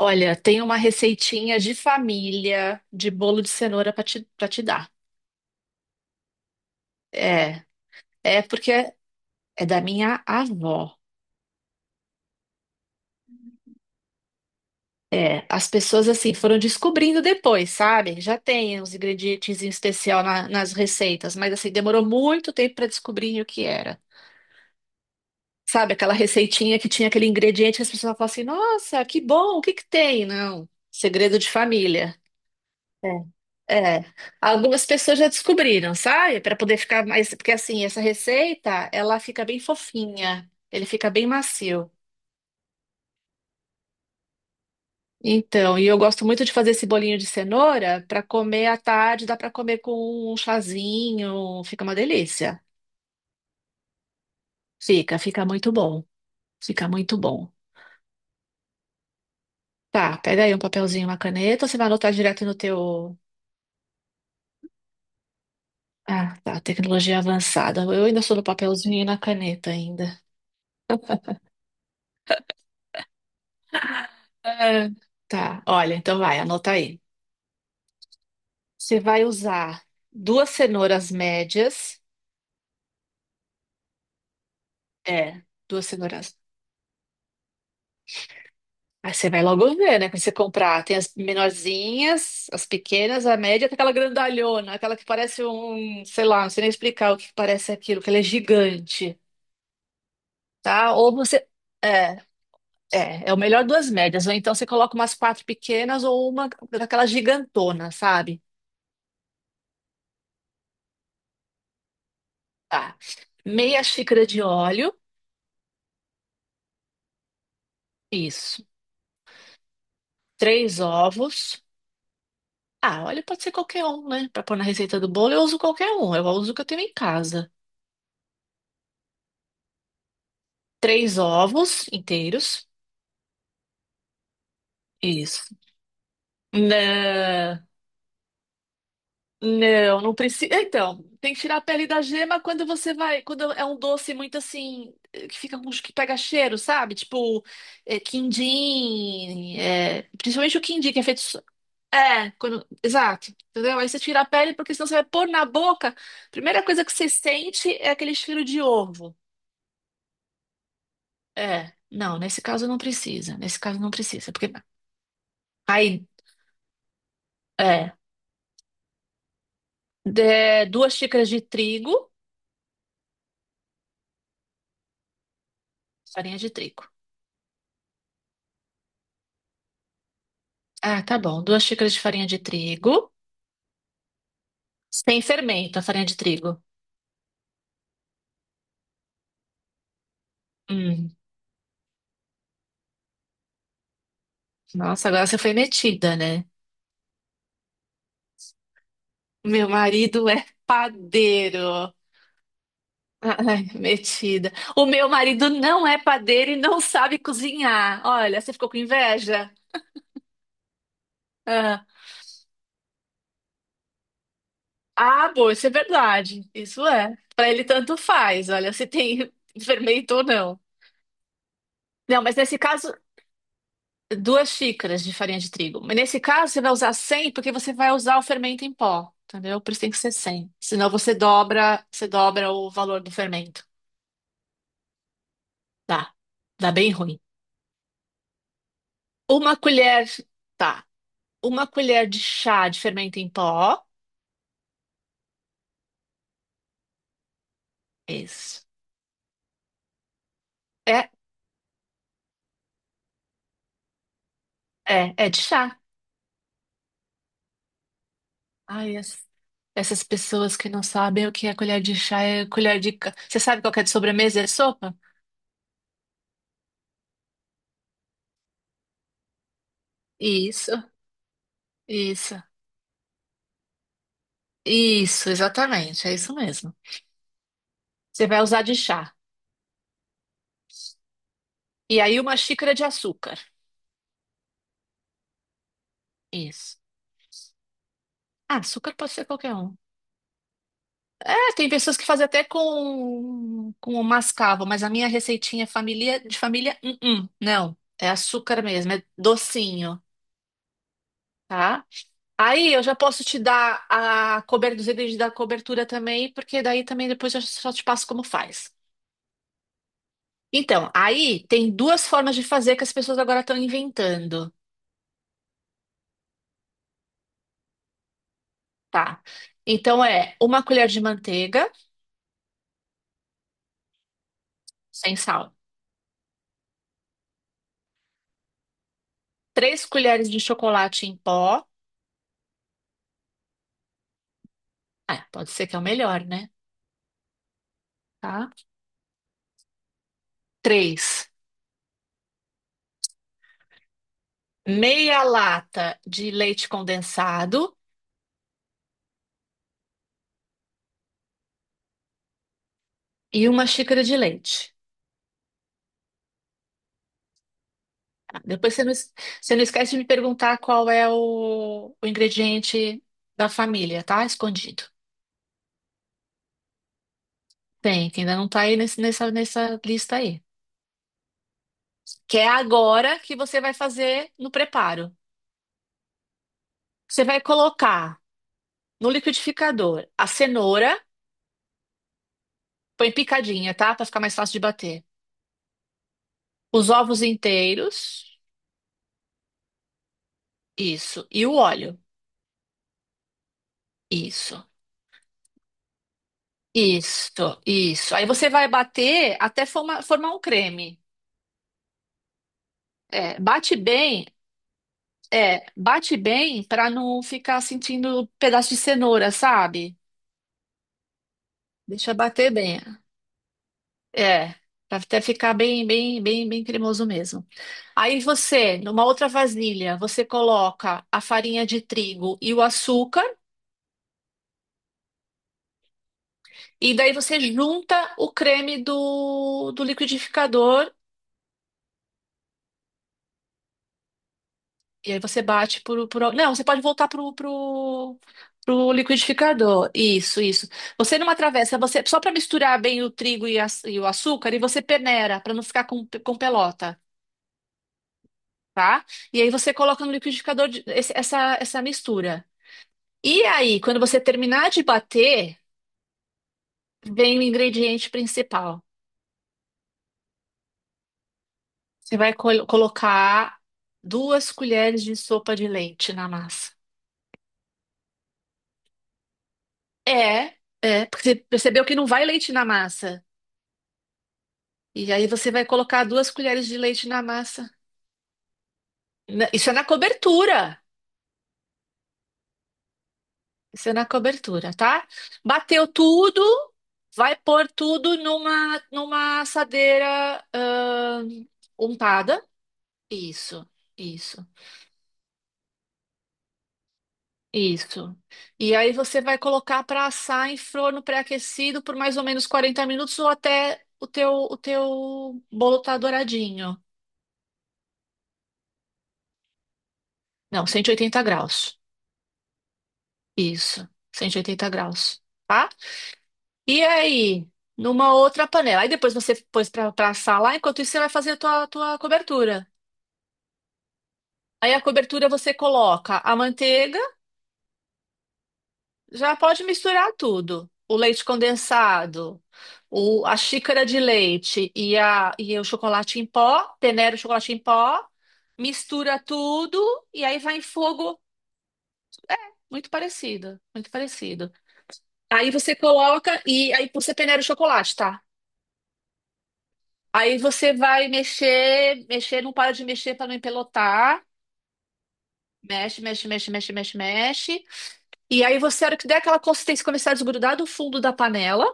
Olha, tem uma receitinha de família de bolo de cenoura para te dar. É, porque é da minha avó. É, as pessoas assim foram descobrindo depois, sabe? Já tem uns ingredientes em especial nas receitas, mas assim demorou muito tempo para descobrir o que era. Sabe aquela receitinha que tinha aquele ingrediente que as pessoas falam assim: "Nossa, que bom, o que que tem?" Não, segredo de família. É, é. Algumas pessoas já descobriram, sabe? Para poder ficar mais. Porque assim, essa receita, ela fica bem fofinha, ele fica bem macio. Então, e eu gosto muito de fazer esse bolinho de cenoura para comer à tarde, dá para comer com um chazinho, fica uma delícia. Fica muito bom. Fica muito bom. Tá, pega aí um papelzinho, uma caneta, ou você vai anotar direto no teu. Ah, tá, tecnologia avançada. Eu ainda sou no papelzinho e na caneta ainda. Ah, Tá, olha, então vai, anota aí. Você vai usar duas cenouras médias. É, duas cenouras. Aí você vai logo ver, né? Quando você comprar, tem as menorzinhas, as pequenas, a média, tem aquela grandalhona, aquela que parece um, sei lá, não sei nem explicar o que parece aquilo, que ela é gigante, tá? Ou você. É, é o melhor duas médias. Ou então você coloca umas quatro pequenas ou uma daquela gigantona, sabe? Tá. Meia xícara de óleo, isso. Três ovos. Ah, óleo pode ser qualquer um, né? Para pôr na receita do bolo, eu uso qualquer um. Eu uso o que eu tenho em casa. Três ovos inteiros. Isso. Não, não precisa. Então, tem que tirar a pele da gema quando você vai. Quando é um doce muito assim. Que fica com. Que pega cheiro, sabe? Tipo, quindim. Principalmente o quindim, que é feito. É, quando, exato. Entendeu? Aí você tira a pele, porque senão você vai pôr na boca. A primeira coisa que você sente é aquele cheiro de ovo. É, não, nesse caso não precisa. Nesse caso não precisa, porque aí é duas xícaras de trigo, farinha de trigo. Ah, tá bom. Duas xícaras de farinha de trigo, sem fermento, a farinha de trigo. Hum, nossa, agora você foi metida, né? Meu marido é padeiro. Ai, metida. O meu marido não é padeiro e não sabe cozinhar. Olha, você ficou com inveja? Ah, boa, isso é verdade. Isso é. Para ele tanto faz, olha, se tem fermento ou não. Não, mas nesse caso, duas xícaras de farinha de trigo. Mas nesse caso, você vai usar 100 porque você vai usar o fermento em pó, entendeu? Por isso tem que ser 100. Senão você dobra o valor do fermento. Dá. Dá bem ruim. Uma colher, tá. Uma colher de chá de fermento em pó. Isso. É, é de chá. Ai, é. Essas pessoas que não sabem o que é colher de chá é colher de. Você sabe qual que é de sobremesa? É sopa? Isso, isso, isso, exatamente, é isso mesmo. Você vai usar de chá. E aí uma xícara de açúcar. Isso. Ah, açúcar pode ser qualquer um. É, tem pessoas que fazem até com o mascavo, mas a minha receitinha é família, de família, não. É açúcar mesmo, é docinho, tá? Aí eu já posso te dar a cobertura, os itens da cobertura também, porque daí também depois eu só te passo como faz. Então, aí tem duas formas de fazer que as pessoas agora estão inventando, tá? Então é uma colher de manteiga sem sal, três colheres de chocolate em pó, ah, pode ser que é o melhor, né? Tá? Três, meia lata de leite condensado e uma xícara de leite. Depois você não, você não esquece de me perguntar qual é o ingrediente da família, tá? Escondido. Tem, que ainda não tá aí nessa lista aí. Que é agora que você vai fazer no preparo. Você vai colocar no liquidificador a cenoura, põe picadinha, tá? Pra ficar mais fácil de bater. Os ovos inteiros, isso. E o óleo, isso. Isso, isso. Aí você vai bater até formar um creme. É, bate bem É, bate bem pra não ficar sentindo pedaço de cenoura, sabe? Deixa bater bem. É, pra até ficar bem, bem, bem, bem cremoso mesmo. Aí você, numa outra vasilha, você coloca a farinha de trigo e o açúcar, e daí você junta o creme do liquidificador. E aí você bate Não, você pode voltar pro liquidificador. Isso, isso. Você numa travessa, você só para misturar bem o trigo e o açúcar, e você peneira para não ficar com pelota, tá? E aí você coloca no liquidificador essa mistura. E aí, quando você terminar de bater, vem o ingrediente principal. Você vai colocar duas colheres de sopa de leite na massa. É, é, porque você percebeu que não vai leite na massa. E aí você vai colocar duas colheres de leite na massa. Isso é na cobertura. Isso é na cobertura, tá? Bateu tudo, vai pôr tudo numa, numa assadeira, untada. Isso, isso, isso. E aí você vai colocar para assar em forno pré-aquecido por mais ou menos 40 minutos ou até o teu bolo tá douradinho. Não, 180 graus. Isso, 180 graus. Tá? E aí, numa outra panela. Aí depois você pôs pra assar lá, enquanto isso você vai fazer a tua, tua cobertura. Aí a cobertura você coloca a manteiga, já pode misturar tudo. O leite condensado, o, a xícara de leite e o chocolate em pó, peneira o chocolate em pó, mistura tudo e aí vai em fogo muito parecido, muito parecido. Aí você coloca e aí você peneira o chocolate, tá? Aí você vai mexer, mexer, não para de mexer para não empelotar. Mexe, mexe, mexe, mexe, mexe, mexe. E aí você, a hora que der aquela consistência, começar a desgrudar do fundo da panela,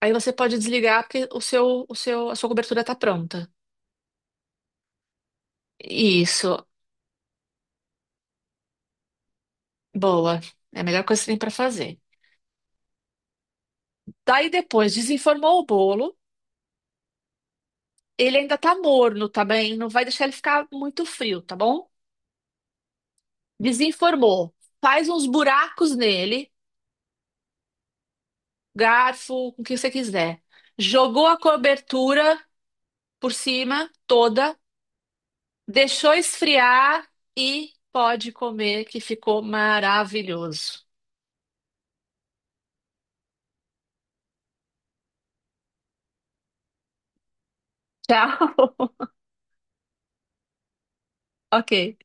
aí você pode desligar porque a sua cobertura tá pronta. Isso, boa. É a melhor coisa que você tem para fazer. Daí depois, desenformou o bolo. Ele ainda tá morno, tá bem? Não vai deixar ele ficar muito frio, tá bom? Desenformou. Faz uns buracos nele. Garfo, o que você quiser. Jogou a cobertura por cima toda, deixou esfriar e pode comer, que ficou maravilhoso. Tchau. Ok.